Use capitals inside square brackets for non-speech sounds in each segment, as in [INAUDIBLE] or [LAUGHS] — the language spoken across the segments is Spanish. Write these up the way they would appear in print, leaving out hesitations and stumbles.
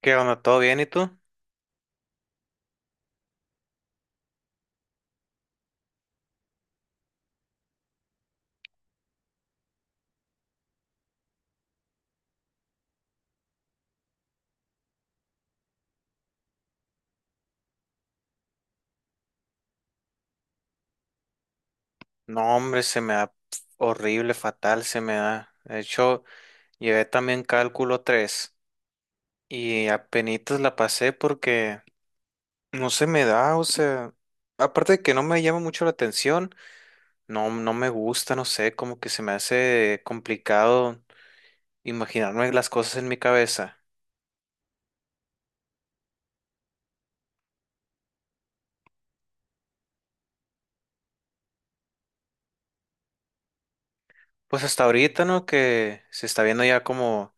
¿Qué onda? ¿Todo bien y tú? No, hombre, se me da pf, horrible, fatal, se me da. De hecho, llevé también cálculo 3 y apenitas la pasé porque no se me da, o sea, aparte de que no me llama mucho la atención, no, no me gusta, no sé, como que se me hace complicado imaginarme las cosas en mi cabeza. Pues hasta ahorita, ¿no? Que se está viendo ya como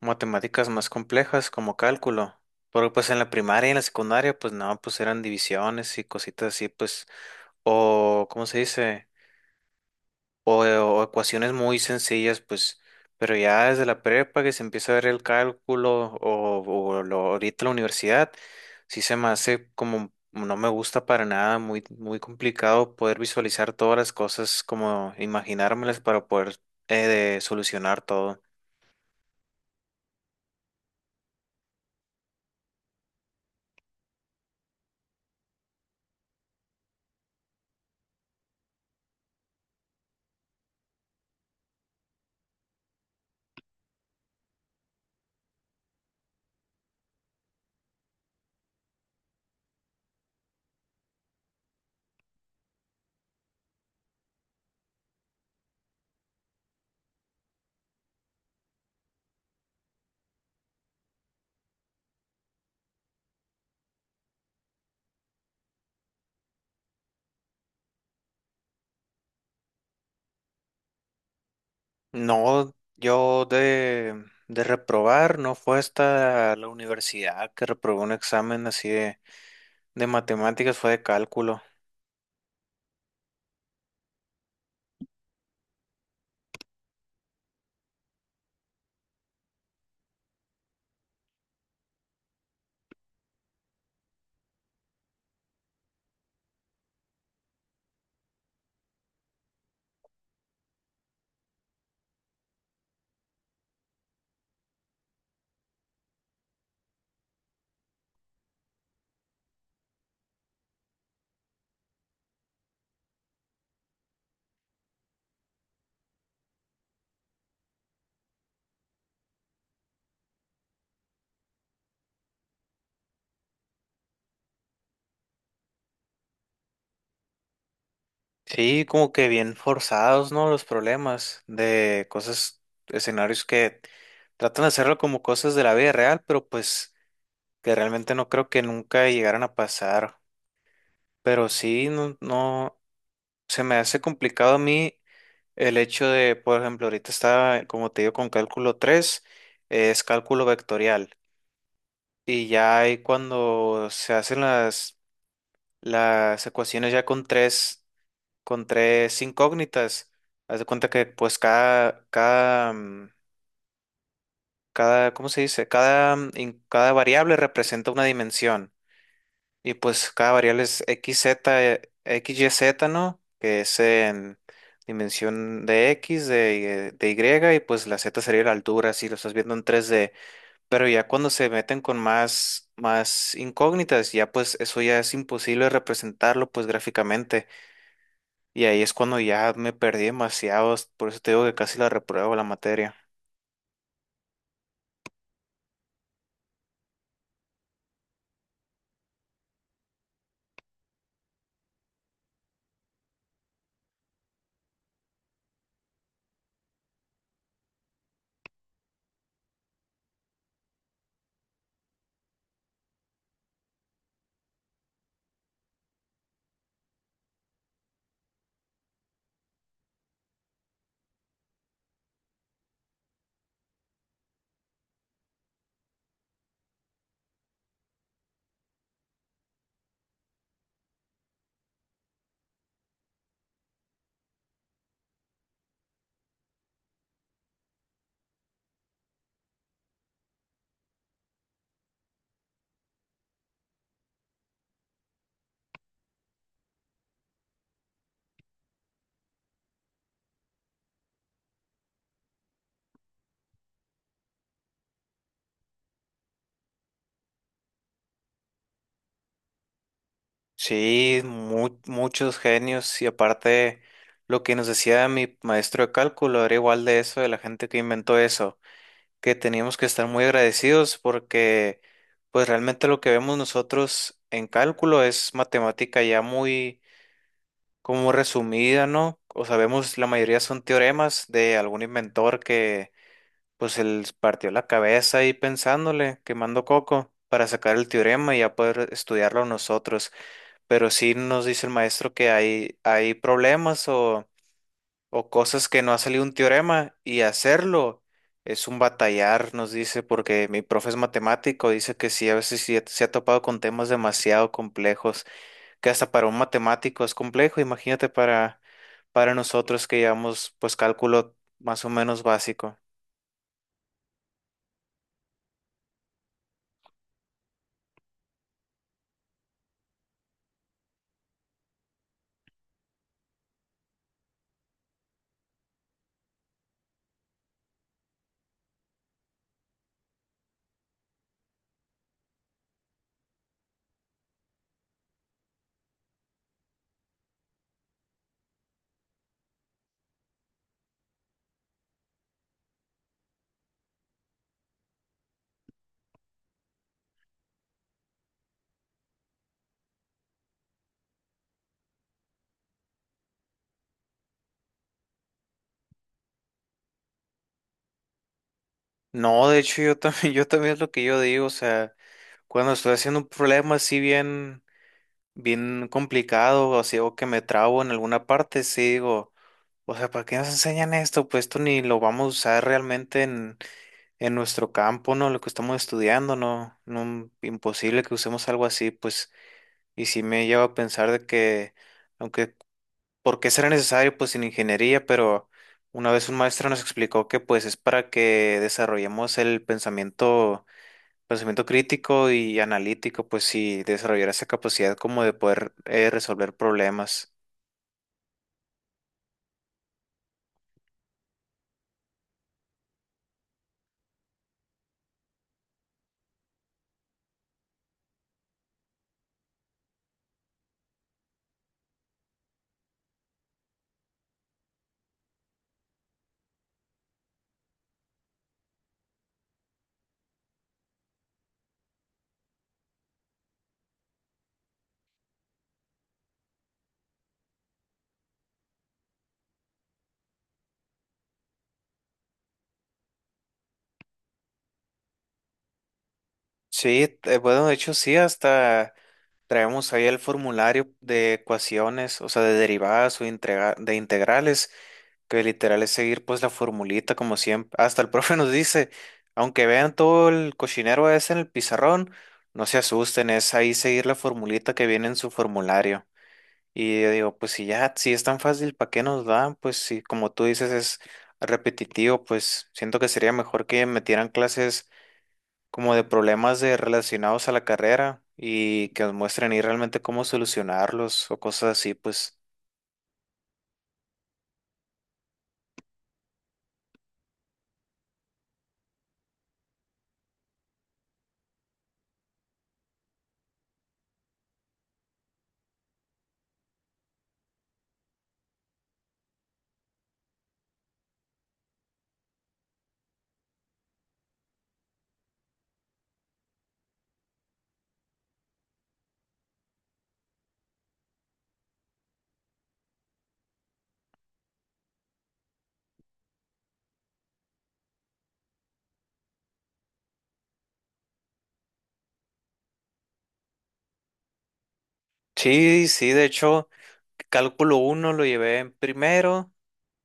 matemáticas más complejas como cálculo. Porque pues en la primaria y en la secundaria, pues no, pues eran divisiones y cositas así, pues, o, ¿cómo se dice? O ecuaciones muy sencillas, pues, pero ya desde la prepa que se empieza a ver el cálculo o lo, ahorita la universidad, sí se me hace como, no me gusta para nada, muy, muy complicado poder visualizar todas las cosas, como imaginármelas para poder de solucionar todo. No, yo de reprobar, no fue hasta la universidad que reprobé un examen así de matemáticas, fue de cálculo. Sí, como que bien forzados, ¿no? Los problemas de cosas, escenarios que tratan de hacerlo como cosas de la vida real, pero pues que realmente no creo que nunca llegaran a pasar. Pero sí, no, no, se me hace complicado a mí el hecho de, por ejemplo, ahorita está, como te digo, con cálculo tres, es cálculo vectorial. Y ya ahí cuando se hacen las ecuaciones ya con tres incógnitas, haz de cuenta que pues cada, cada, cada, ¿cómo se dice? Cada, cada variable representa una dimensión. Y pues cada variable es X, Z, X, y Z, ¿no? Que es en dimensión de X, de Y, y pues la Z sería la altura, si lo estás viendo en 3D. Pero ya cuando se meten con más, más incógnitas, ya pues eso ya es imposible representarlo pues gráficamente. Y ahí es cuando ya me perdí demasiado, por eso te digo que casi la repruebo la materia. Sí, muchos genios, y aparte lo que nos decía mi maestro de cálculo era igual de eso, de la gente que inventó eso, que teníamos que estar muy agradecidos porque pues realmente lo que vemos nosotros en cálculo es matemática ya muy como resumida, ¿no? O sabemos, la mayoría son teoremas de algún inventor que pues él partió la cabeza ahí pensándole, quemando coco para sacar el teorema y ya poder estudiarlo nosotros. Pero sí nos dice el maestro que hay problemas o cosas que no ha salido un teorema, y hacerlo es un batallar, nos dice, porque mi profe es matemático. Dice que sí, a veces sí se ha topado con temas demasiado complejos, que hasta para un matemático es complejo, imagínate para nosotros que llevamos pues cálculo más o menos básico. No, de hecho yo también, [LAUGHS] yo también es lo que yo digo, o sea, cuando estoy haciendo un problema así bien bien complicado, o si o que me trabo en alguna parte, sí digo, o sea, ¿para qué nos enseñan esto? Pues esto ni lo vamos a usar realmente en nuestro campo, ¿no? Lo que estamos estudiando, ¿no? No, imposible que usemos algo así, pues, y sí me lleva a pensar de que, aunque, ¿por qué será necesario? Pues en ingeniería, pero una vez un maestro nos explicó que pues es para que desarrollemos el pensamiento. Pensamiento crítico y analítico, pues sí, desarrollar esa capacidad como de poder resolver problemas. Sí, bueno, de hecho sí, hasta traemos ahí el formulario de ecuaciones, o sea, de derivadas o de integrales, que literal es seguir pues la formulita como siempre. Hasta el [LAUGHS] profe nos dice, aunque vean todo el cochinero ese en el pizarrón, no se asusten, es ahí seguir la formulita que viene en su formulario. Y yo digo, pues si ya, si es tan fácil, ¿para qué nos dan? Pues si como tú dices es repetitivo, pues siento que sería mejor que metieran clases como de problemas de relacionados a la carrera y que nos muestren ahí realmente cómo solucionarlos o cosas así, pues. Sí, sí, de hecho, cálculo uno lo llevé en primero,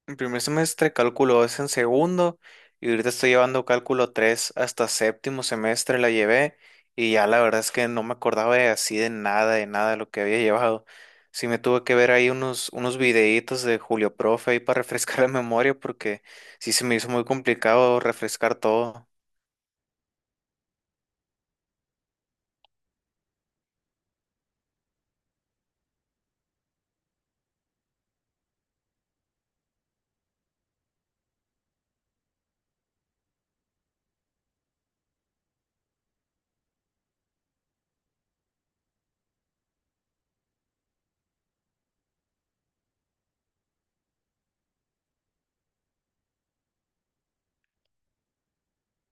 en primer semestre, cálculo 2 en segundo, y ahorita estoy llevando cálculo 3 hasta séptimo semestre la llevé, y ya la verdad es que no me acordaba de así de nada, de nada de lo que había llevado. Sí me tuve que ver ahí unos, unos videitos de Julio Profe ahí para [LAUGHS] refrescar la memoria, porque sí se me hizo muy complicado refrescar todo.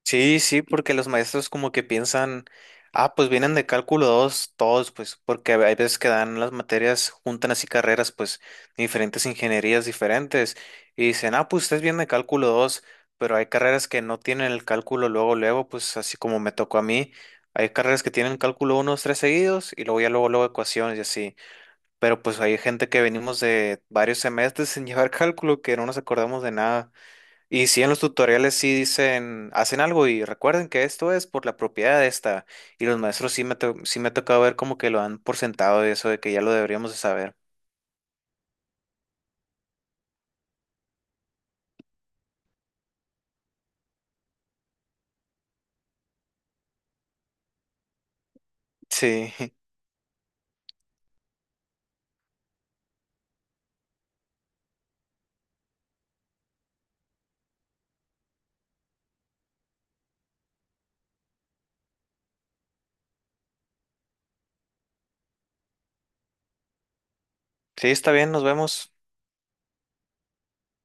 Sí, sí, porque los maestros como que piensan, ah, pues vienen de cálculo 2, todos, pues, porque hay veces que dan las materias, juntan así carreras, pues, de diferentes ingenierías diferentes, y dicen, ah, pues ustedes vienen de cálculo 2, pero hay carreras que no tienen el cálculo luego, luego, pues, así como me tocó a mí, hay carreras que tienen cálculo 1, 3 seguidos, y luego ya luego, luego ecuaciones y así, pero pues hay gente que venimos de varios semestres [LAUGHS] sin llevar cálculo, que no nos acordamos de nada. Y si en los tutoriales sí dicen, hacen algo y recuerden que esto es por la propiedad de esta. Y los maestros sí me, sí me ha tocado ver como que lo han por sentado de eso, de que ya lo deberíamos de saber. Sí, [LAUGHS] sí, está bien, nos vemos.